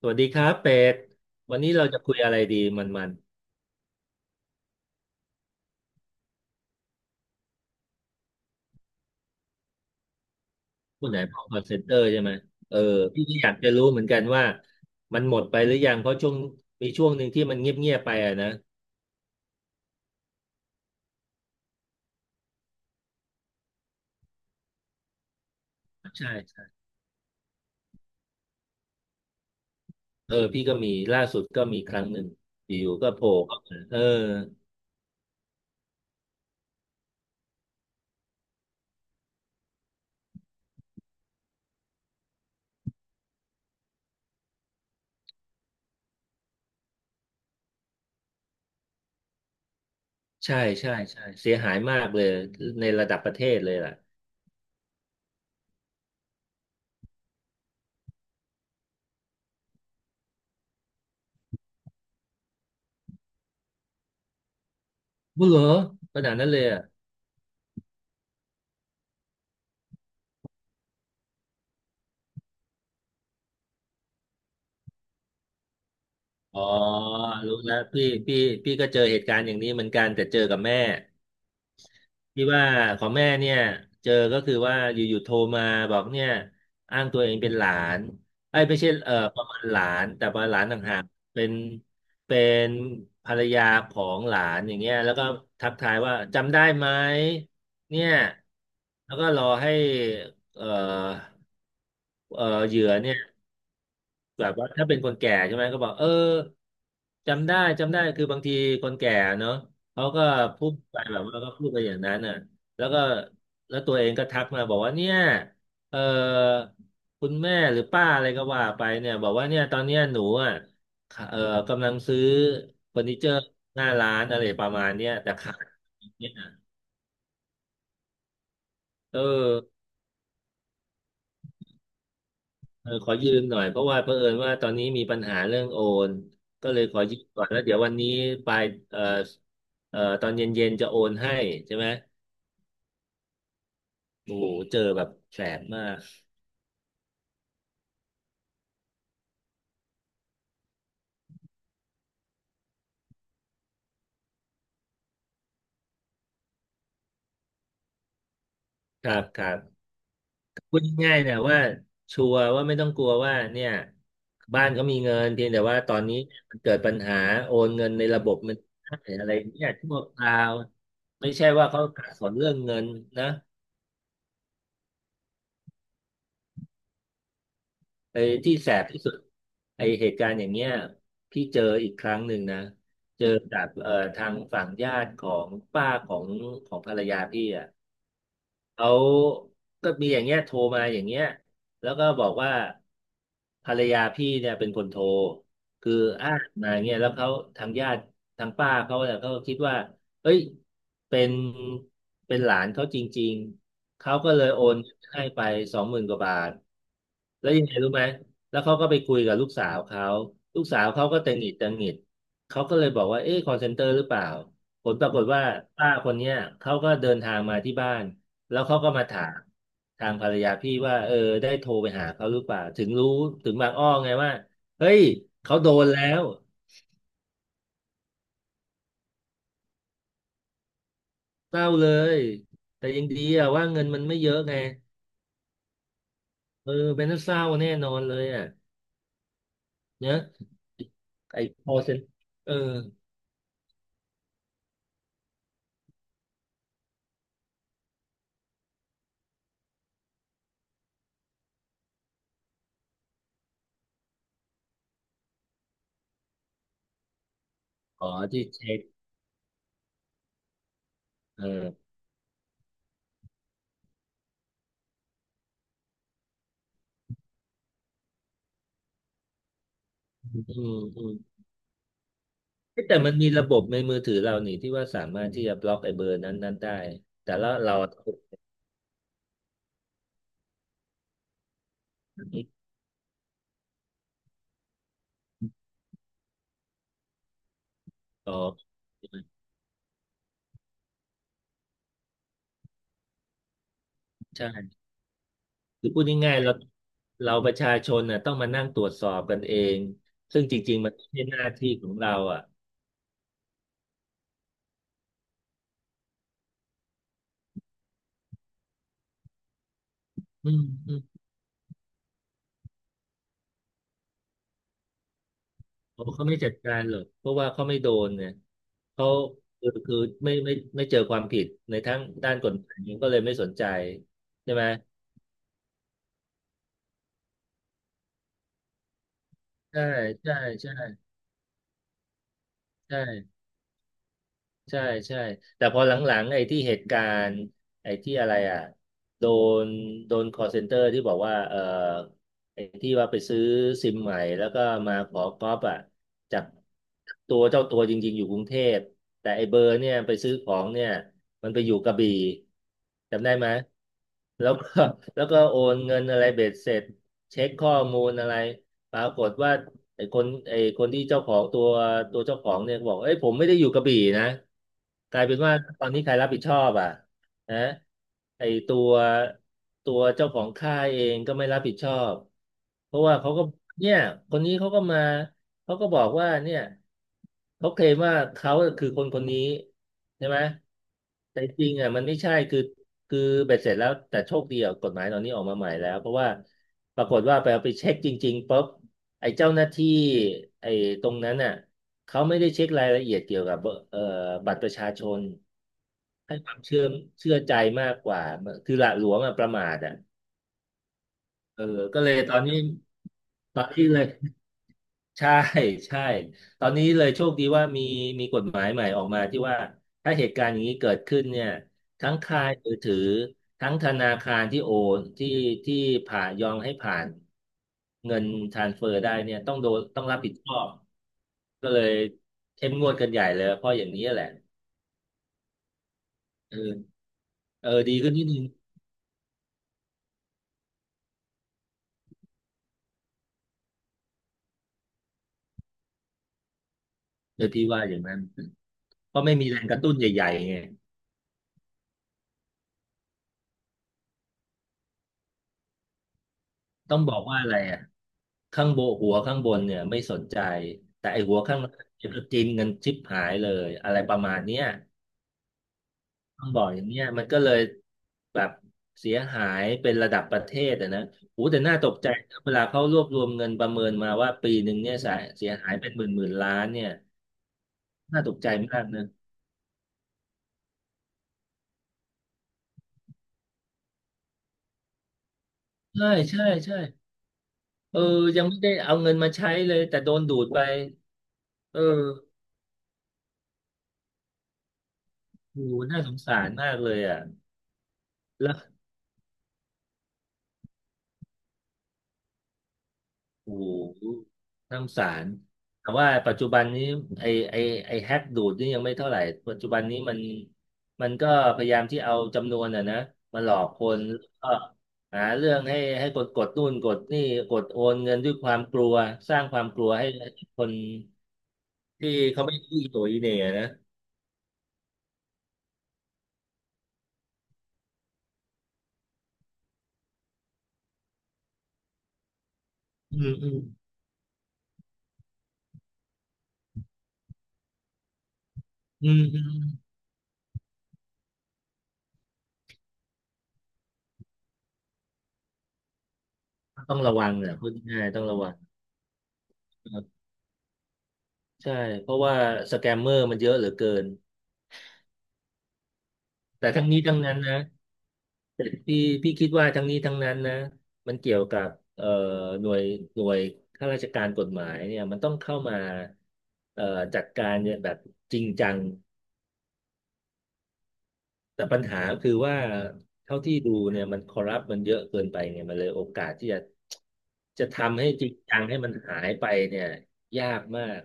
สวัสดีครับเป็ดวันนี้เราจะคุยอะไรดีมันผู้ไหนบอกคอนเซ็นเตอร์ใช่ไหมเออพี่ก็อยากจะรู้เหมือนกันว่ามันหมดไปหรือยังเพราะช่วงมีช่วงหนึ่งที่มันเงียบเงียบไปอะนะใช่ใช่เออพี่ก็มีล่าสุดก็มีครั้งหนึ่งอยู่ๆก็โผล่เข้ามาเออใช่ใช่ใช่เสียหายมากเลยในระดับประเทศเลยล่ะบุเหรอขนาดนั้นเลยอะอ๋อรู้แล้วพี่ก็เจอเหตุการณ์อย่างนี้เหมือนกันแต่เจอกับแม่ ที่ว่าของแม่เนี่ยเจอก็คือว่าอยู่ๆโทรมาบอกเนี่ยอ้างตัวเองเป็นหลานไอ้ยไม่ใช่ประมาณหลานแต่ประมาณหลานต่างหากเป็นเป็นภรรยาของหลานอย่างเงี้ยแล้วก็ทักทายว่าจำได้ไหมเนี่ยแล้วก็รอให้เอ่อเหยื่อเนี่ย แบบว่าถ้าเป็นคนแก่ใช่ไหมก็บอกเออจำได้จำได้คือบางทีคนแก่เนอะเขาก็พูดไปแบบว่าก็พูดไปอย่างนั้นน่ะแล้วก็แล้วตัวเองก็ทักมาบอกว่าเนี่ยเออคุณแม่หรือป้าอะไรก็ว่าไปเนี่ยบอกว่าเนี่ยตอนเนี้ยหนูอ่ะค่ะเออกำลังซื้อเฟอร์นิเจอร์หน้าร้านอะไรประมาณเนี้ยแต่ขาดเนี่ยเออ เออขอยืมหน่อยเพราะว่าเผอิญว่าตอนนี้มีปัญหาเรื่องโอนก็เลยขอยืมก่อนแล้วเดี๋ยววันนี้ปลายเอ่อตอนเย็นๆจะโอนให้ใช่ไหมโอ้โหเจอแบบแสบมากครับครับพูดง่ายๆเนี่ยว่าชัวร์ว่าไม่ต้องกลัวว่าเนี่ยบ้านเขามีเงินเพียงแต่ว่าตอนนี้มันเกิดปัญหาโอนเงินในระบบมันได้อะไรเนี่ยชั่วคราวไม่ใช่ว่าเขาขัดสนเรื่องเงินนะ ไอ้ที่แสบที่สุดไอ้เหตุการณ์อย่างเงี้ยพี่เจออีกครั้งหนึ่งนะเจอจากทางฝั่งญาติของป้าของภรรยาพี่อ่ะเขาก็มีอย่างเงี้ยโทรมาอย่างเงี้ยแล้วก็บอกว่า ภรรยาพี่เนี่ยเป็นคนโทรคืออ้างมาเงี้ยแล้วเขาทางญาติทางป้าเขาเนี่ยเขาก็คิดว่าเอ้ยเป็นเป็นหลานเขาจริงๆเขาก็เลยโอนให้ไป20,000 กว่าบาทแล้วยังไงรู้ไหมแล้วเขาก็ไปคุยกับลูกสาวเขาลูกสาวเขาก็ตังหงิดตังหงิดเขาก็เลยบอกว่าเอ๊ะคอลเซ็นเตอร์หรือเปล่าผลปรากฏว่าป้าคนเนี้ยเขาก็เดินทางมาที่บ้าน แล้วเขาก็มาถามทางภรรยาพี่ว่าเออได้โทรไปหาเขาหรือเปล่าถึงรู้ถึงบางอ้อไงว่าเฮ้ยเขาโดนแล้วเศร้าเลยแต่ยังดีอะว่าเงินมันไม่เยอะไงเออเป็นเศร้าแน่นอนเลยอ่ะเนอะไอ้ call c e n r เอออ๋อที่เช็คเอออืมอืมเอ๊ะแต่มันมีระบบในมือถือเรานี่ที่ว่าสามารถที่จะบล็อกไอ้เบอร์นั้นได้แต่แลวเราอ๋อใช่ คือพูดง่ายๆเราเราประชาชนน่ะต้องมานั่งตรวจสอบกันเองซึ่งจริงๆมันไม่ใช่หน้าที่ของเราอ่ะอืมอืมผมเขาไม่จัดการหรอกเพราะว่าเขาไม่โดนเนี่ยเขาคือไม่ไม่ไม่เจอความผิดในทั้งด้านกฎหมายก็เลยไม่สนใจใช่ไหมใช่ใช่ใช่ใช่ ใช่ใช่แต่พอหลังๆไอ้ที่เหตุการณ์ไอ้ที่อะไรอ่ะโดนโดน call center ที่บอกว่าเออไอ้ที่ว่าไปซื้อซิมใหม่แล้วก็มาขอก๊อปอ่ะจากตัวเจ้าตัวจริงๆอยู่กรุงเทพแต่ไอ้เบอร์เนี่ยไปซื้อของเนี่ยมันไปอยู่กระบี่จำได้ไหมแล้วก็แล้วก็โอนเงินอะไรเบ็ดเสร็จเช็คข้อมูลอะไรปรากฏว่า ไอ้คนที่เจ้าของตัวเจ้าของเนี่ยบอกเอ้ยผมไม่ได้อยู่กระบี่นะกลายเป็นว่าตอนนี้ใครรับผิดชอบอ่ะนะไอ้ตัวเจ้าของค่ายเองก็ไม่รับผิดชอบเพราะว่าเขาก็เนี่ยคนนี้เขาก็มาเขาก็บอกว่าเนี่ยเขาเคลมว่าเขาคือคนคนนี้ใช่ไหมแต่จริงอ่ะมันไม่ใช่คือคือเบ็ดเสร็จแล้วแต่โชคดีอ่ะกฎหมายตอนนี้ออกมาใหม่แล้วเพราะว่าปรากฏว่าไปเอาไปเช็คจริงๆปุ๊บ ไอ้เจ้าหน้าที่ไอ้ตรงนั้นน่ะเขาไม่ได้เช็ครายละเอียดเกี่ยวกับเอ่อบัตรประชาชนให้ความเชื่อใจมากกว่าคือหละหลวมอะประมาทอ่ะเออก็เลยตอนนี้ตอนนี้เลย ใช่ใช่ตอนนี้เลยโชคดีว่ามีกฎหมายใหม่ออกมาที่ว่าถ้าเหตุการณ์อย่างนี้เกิดขึ้นเนี่ยทั้งค่ายมือถือทั้งธนาคารที่โอนที่ที่ผ่านยอมให้ผ่านเงินทรานสเฟอร์ได้เนี่ยต้องโดนต้องรับผิดชอบ ก็เลยเข้มงวดกันใหญ่เลยเพราะอย่างนี้แหละเออเออดีขึ้นนิดนึงเดี๋ยวพี่ว่าอย่างนั้นเพราะไม่มีแรงกระตุ้นใหญ่ๆไงต้องบอกว่าอะไรอ่ะข้างบนหัวข้างบนเนี่ยไม่สนใจแต่ไอหัวข้างล่างเนี่ยก็กินกันชิบหายเลยอะไรประมาณเนี้ยต้องบอกอย่างเนี้ยมันก็เลยแบบเสียหายเป็นระดับประเทศอะนะโอ้แต่น่าตกใจนะเวลาเขารวบรวมเงินประเมินมาว่าปีหนึ่งเนี่ยเสียหายเป็นหมื่นหมื่นล้านเนี่ยน่าตกใจมากนะใช่ใช่ใช่ เออยังไม่ได้เอาเงินมาใช้เลย แต่โดนดูดไปเออโอ้โหน่าสงสารมากเลยอ่ะแล้วโอ้โหน่าสงสาร แต่ว่าปัจจุบันนี้ไอไอไอแฮกดูดนี่ยังไม่เท่าไหร่ปัจจุบันนี้มันก็พยายามที่เอาจำนวนอ่ะนะมาหลอกคนแล้วก็หาเรื่องให้กดนู่นกดนี่กดโอนเงินด้วยความกลัวสร้างความกลัวให้คนที่เขาไม่รู้อีโหนอีเหน่นะอืมอืมอืมอืม ต้องระวังแหละพูดง่ายๆต้องระวังครับใช่เพราะว่าสแกมเมอร์มันเยอะเหลือเกินแต่ทั้งนี้ทั้งนั้นนะพี่คิดว่าทั้งนี้ทั้งนั้นนะมันเกี่ยวกับเอ่อหน่วยหน่วยข้าราชการกฎหมายเนี่ยมันต้องเข้ามาเอ่อจัดการเนี่ยแบบจริงจังแต่ปัญหาคือว่าเท่าที่ดูเนี่ยมันคอร์รัปมันเยอะเกินไปไงมันเลยโอกาสที่จะทำให้จริงจังให้มันหายไปเนี่ยยากมาก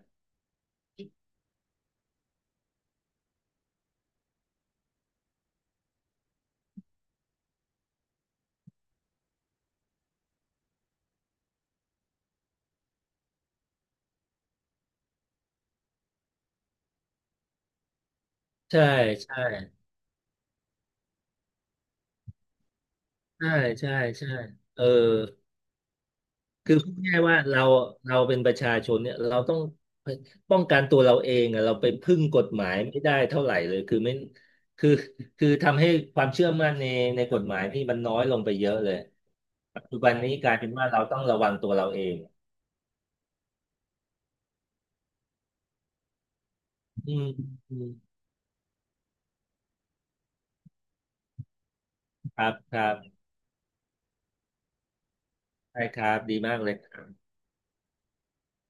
ใช่ใช่ ใช่ใช่ใช่เออคือพูดง่ายว่าเราเป็นประชาชนเนี่ยเราต้องป้องกันตัวเราเองอะเราไปพึ่งกฎหมายไม่ได้เท่าไหร่เลยคือไม่คือทำให้ความเชื่อมั่นในกฎหมายพี่มันน้อยลงไปเยอะเลยปัจจุบันนี้กลายเป็นว่าเราต้องระวังตัวเราเองอืมอืมครับครับใช่ครับดีมากเลย